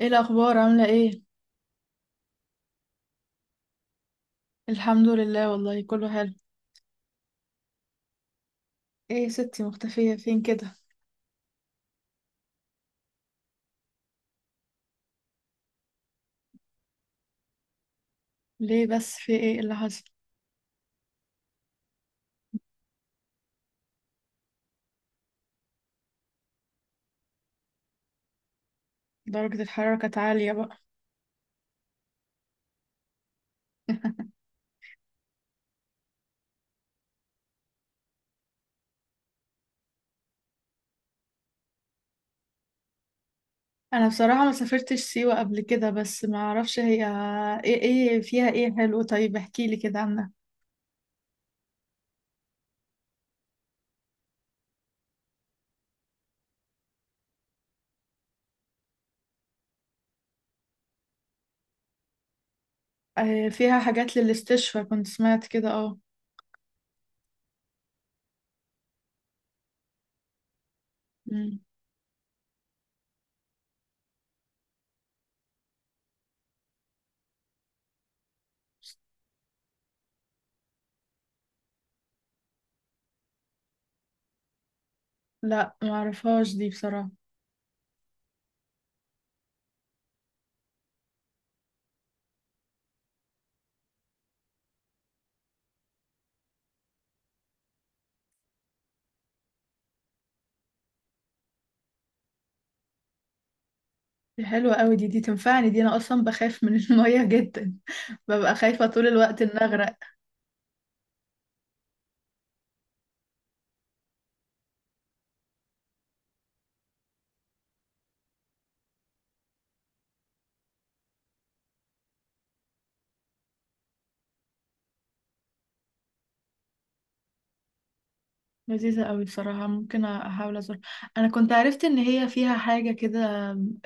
ايه الاخبار؟ عامله ايه؟ الحمد لله، والله كله حلو. ايه يا ستي، مختفيه فين كده؟ ليه بس؟ في ايه اللي حصل؟ درجه الحراره كانت عاليه بقى؟ انا بصراحه ما سافرتش سيوه قبل كده، بس ما اعرفش هي ايه. ايه فيها؟ ايه حلو؟ طيب احكي لي كده عنها. آه، فيها حاجات للاستشفى، كنت سمعت كده. اه. مم. لا، ما اعرفهاش دي بصراحه. دي حلوه قوي، دي تنفعني، دي انا اصلا بخاف من الميه جدا. ببقى خايفه طول الوقت ان اغرق. لذيذة قوي بصراحة، ممكن أحاول أزور. أنا كنت عرفت إن هي فيها حاجة كده،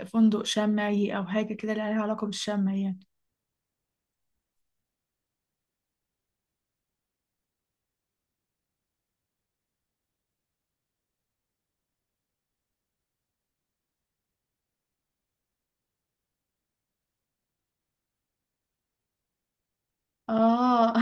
فندق شمعي أو حاجة كده لها علاقة بالشمع يعني. آه.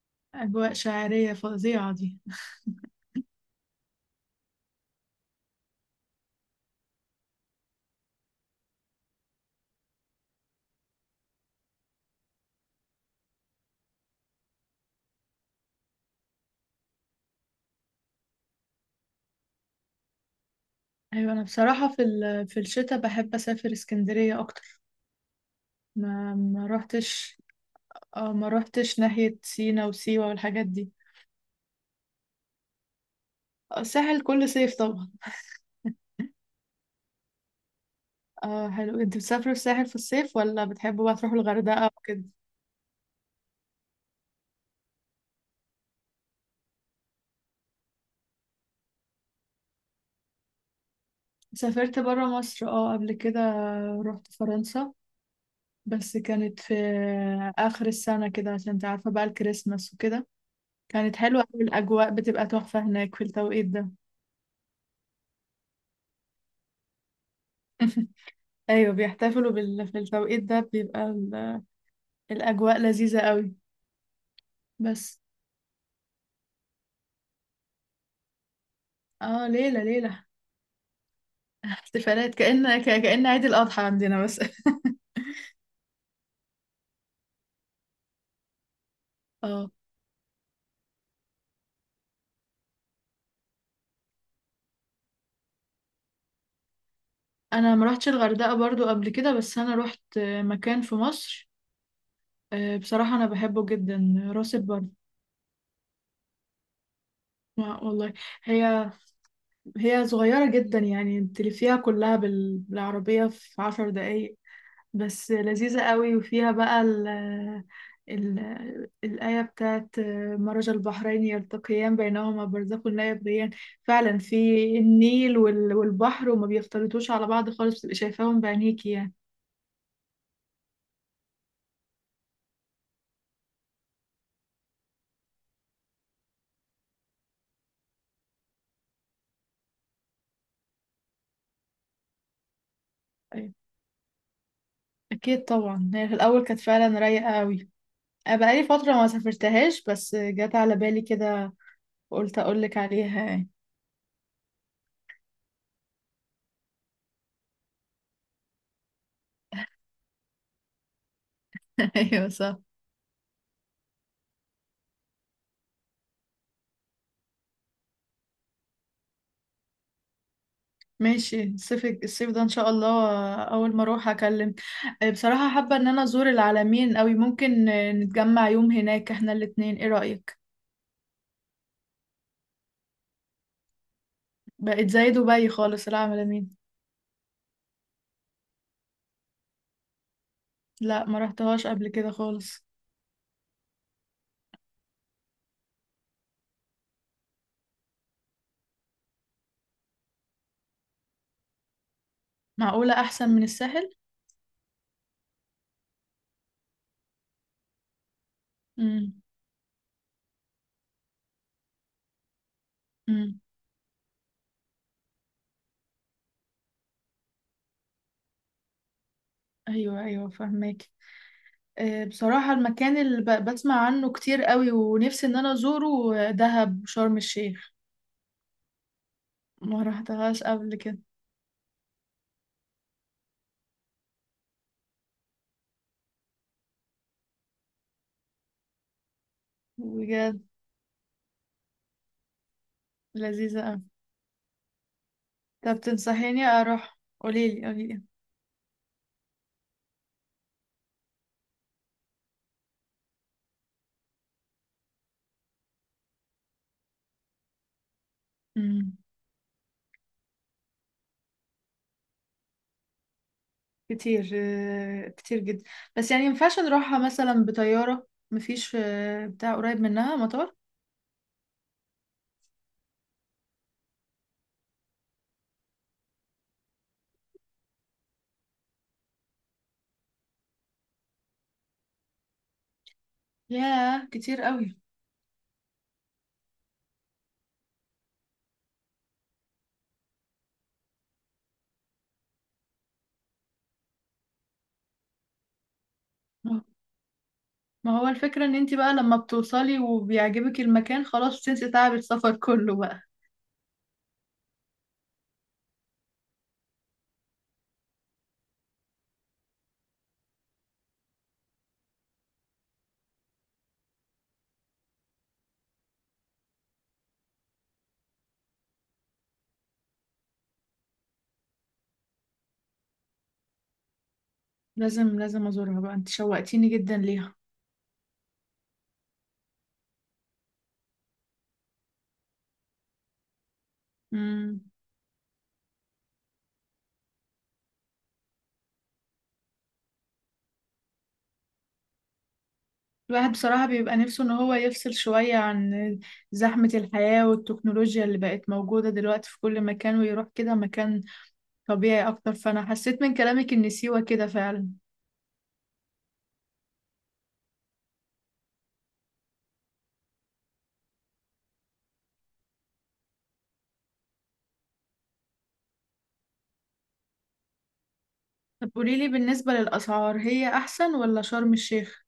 أجواء شاعرية فظيعة دي. أيوة، أنا بصراحة في الشتاء بحب أسافر اسكندرية أكتر. ما روحتش. آه، ما روحتش ناحية سينا وسيوة والحاجات دي. آه، الساحل كل صيف طبعا. آه حلو. أنت بتسافروا الساحل في الصيف، ولا بتحبوا بقى تروحوا الغردقة وكده؟ سافرت برا مصر اه قبل كده. رحت فرنسا، بس كانت في آخر السنة كده، عشان انت عارفة بقى الكريسماس وكده. كانت حلوة أوي، الأجواء بتبقى تحفة هناك في التوقيت ده. أيوة، بيحتفلوا في التوقيت ده بيبقى الأجواء لذيذة قوي. بس اه، ليلة ليلة. احتفالات، كأن عيد الأضحى عندنا بس. اه. أنا ما روحتش الغردقة برضو قبل كده، بس أنا روحت مكان في مصر. آه، بصراحة أنا بحبه جدا: راس البر. والله. هي هي صغيرة جدا، يعني تلفيها كلها بالعربية في 10 دقايق. بس لذيذة قوي، وفيها بقى ال ال الآية بتاعت مرج البحرين يلتقيان بينهما برزخ لا يبغيان. فعلا في النيل والبحر، وما بيختلطوش على بعض خالص، بتبقي شايفاهم بعينيكي يعني. أيوة. أكيد طبعا. هي في الأول كانت فعلا رايقة قوي. أنا بقالي فترة ما سافرتهاش، بس جت على بالي كده، وقلت أقولك عليها يعني. ايوه، صح. ماشي. الصيف ده ان شاء الله، اول ما اروح اكلم. آه، بصراحة حابة ان انا ازور العلمين قوي. ممكن نتجمع يوم هناك احنا الاتنين، ايه رأيك؟ بقت زي دبي خالص العلمين. لا، ما رحتهاش قبل كده خالص. معقولة احسن من الساحل؟ امم. امم. ايوه، ايوه، فهمك. آه، بصراحة المكان اللي بسمع عنه كتير قوي ونفسي ان انا ازوره، آه، دهب وشرم الشيخ. ما رحتهاش قبل كده. بجد؟ لذيذة. طب تنصحيني اروح، قوليلي قوليلي. امم. كتير، آه، كتير جدا. بس يعني مينفعش نروحها مثلا بطيارة؟ مفيش، آه، بتاع قريب منها مطار؟ ياه، كتير قوي. ما ما هو الفكرة ان انتي بقى لما بتوصلي وبيعجبك المكان، خلاص بتنسي تعب السفر كله بقى. لازم لازم ازورها بقى، انت شوقتيني جدا ليها. امم. الواحد بصراحة بيبقى نفسه ان هو يفصل شوية عن زحمة الحياة والتكنولوجيا اللي بقت موجودة دلوقتي في كل مكان، ويروح كده مكان طبيعي أكتر. فأنا حسيت من كلامك إن سيوة كده فعلا. طب قوليلي بالنسبة للأسعار، هي أحسن ولا شرم الشيخ؟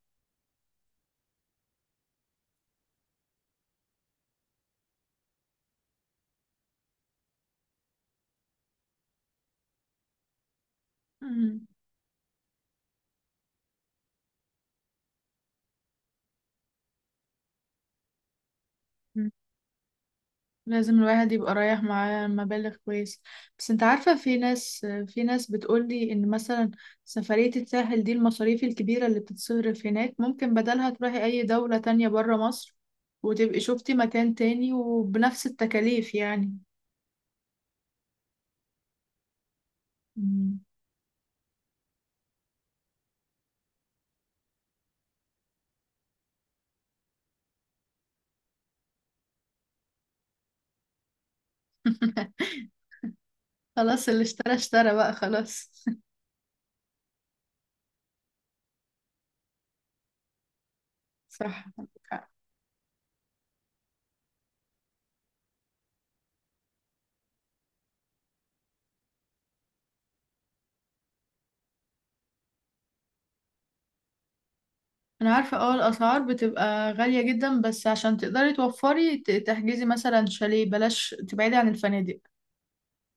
مم. مم. لازم الواحد يبقى رايح معاه مبالغ كويس. بس أنت عارفة، في ناس بتقولي إن مثلا سفرية الساحل دي، المصاريف الكبيرة اللي بتتصرف هناك ممكن بدلها تروحي أي دولة تانية برا مصر، وتبقي شوفتي مكان تاني وبنفس التكاليف يعني. مم. خلاص، اللي اشترى اشترى بقى خلاص. صح. انا عارفه، اه، الاسعار بتبقى غاليه جدا، بس عشان تقدري توفري تحجزي مثلا شاليه، بلاش تبعدي عن الفنادق.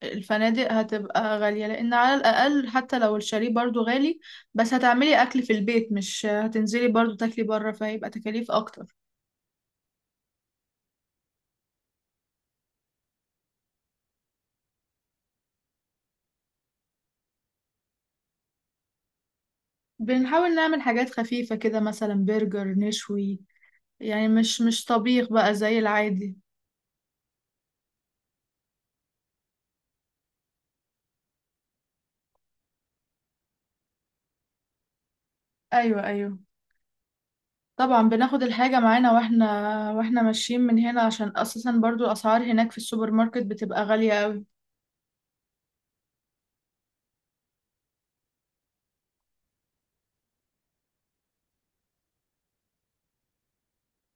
الفنادق هتبقى غاليه، لان على الاقل حتى لو الشاليه برضو غالي، بس هتعملي اكل في البيت، مش هتنزلي برضو تاكلي بره، فهيبقى تكاليف اكتر. بنحاول نعمل حاجات خفيفه كده، مثلا برجر نشوي، يعني مش طبيخ بقى زي العادي. ايوه، ايوه، طبعا بناخد الحاجة معانا، واحنا ماشيين من هنا، عشان اساسا برضو الاسعار هناك في السوبر ماركت بتبقى غالية قوي.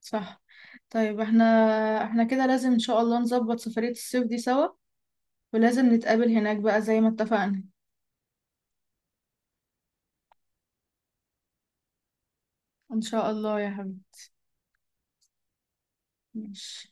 صح. طيب، احنا كده لازم ان شاء الله نظبط سفرية الصيف دي سوا، ولازم نتقابل هناك بقى زي ما اتفقنا. ان شاء الله يا حبيبي. ماشي.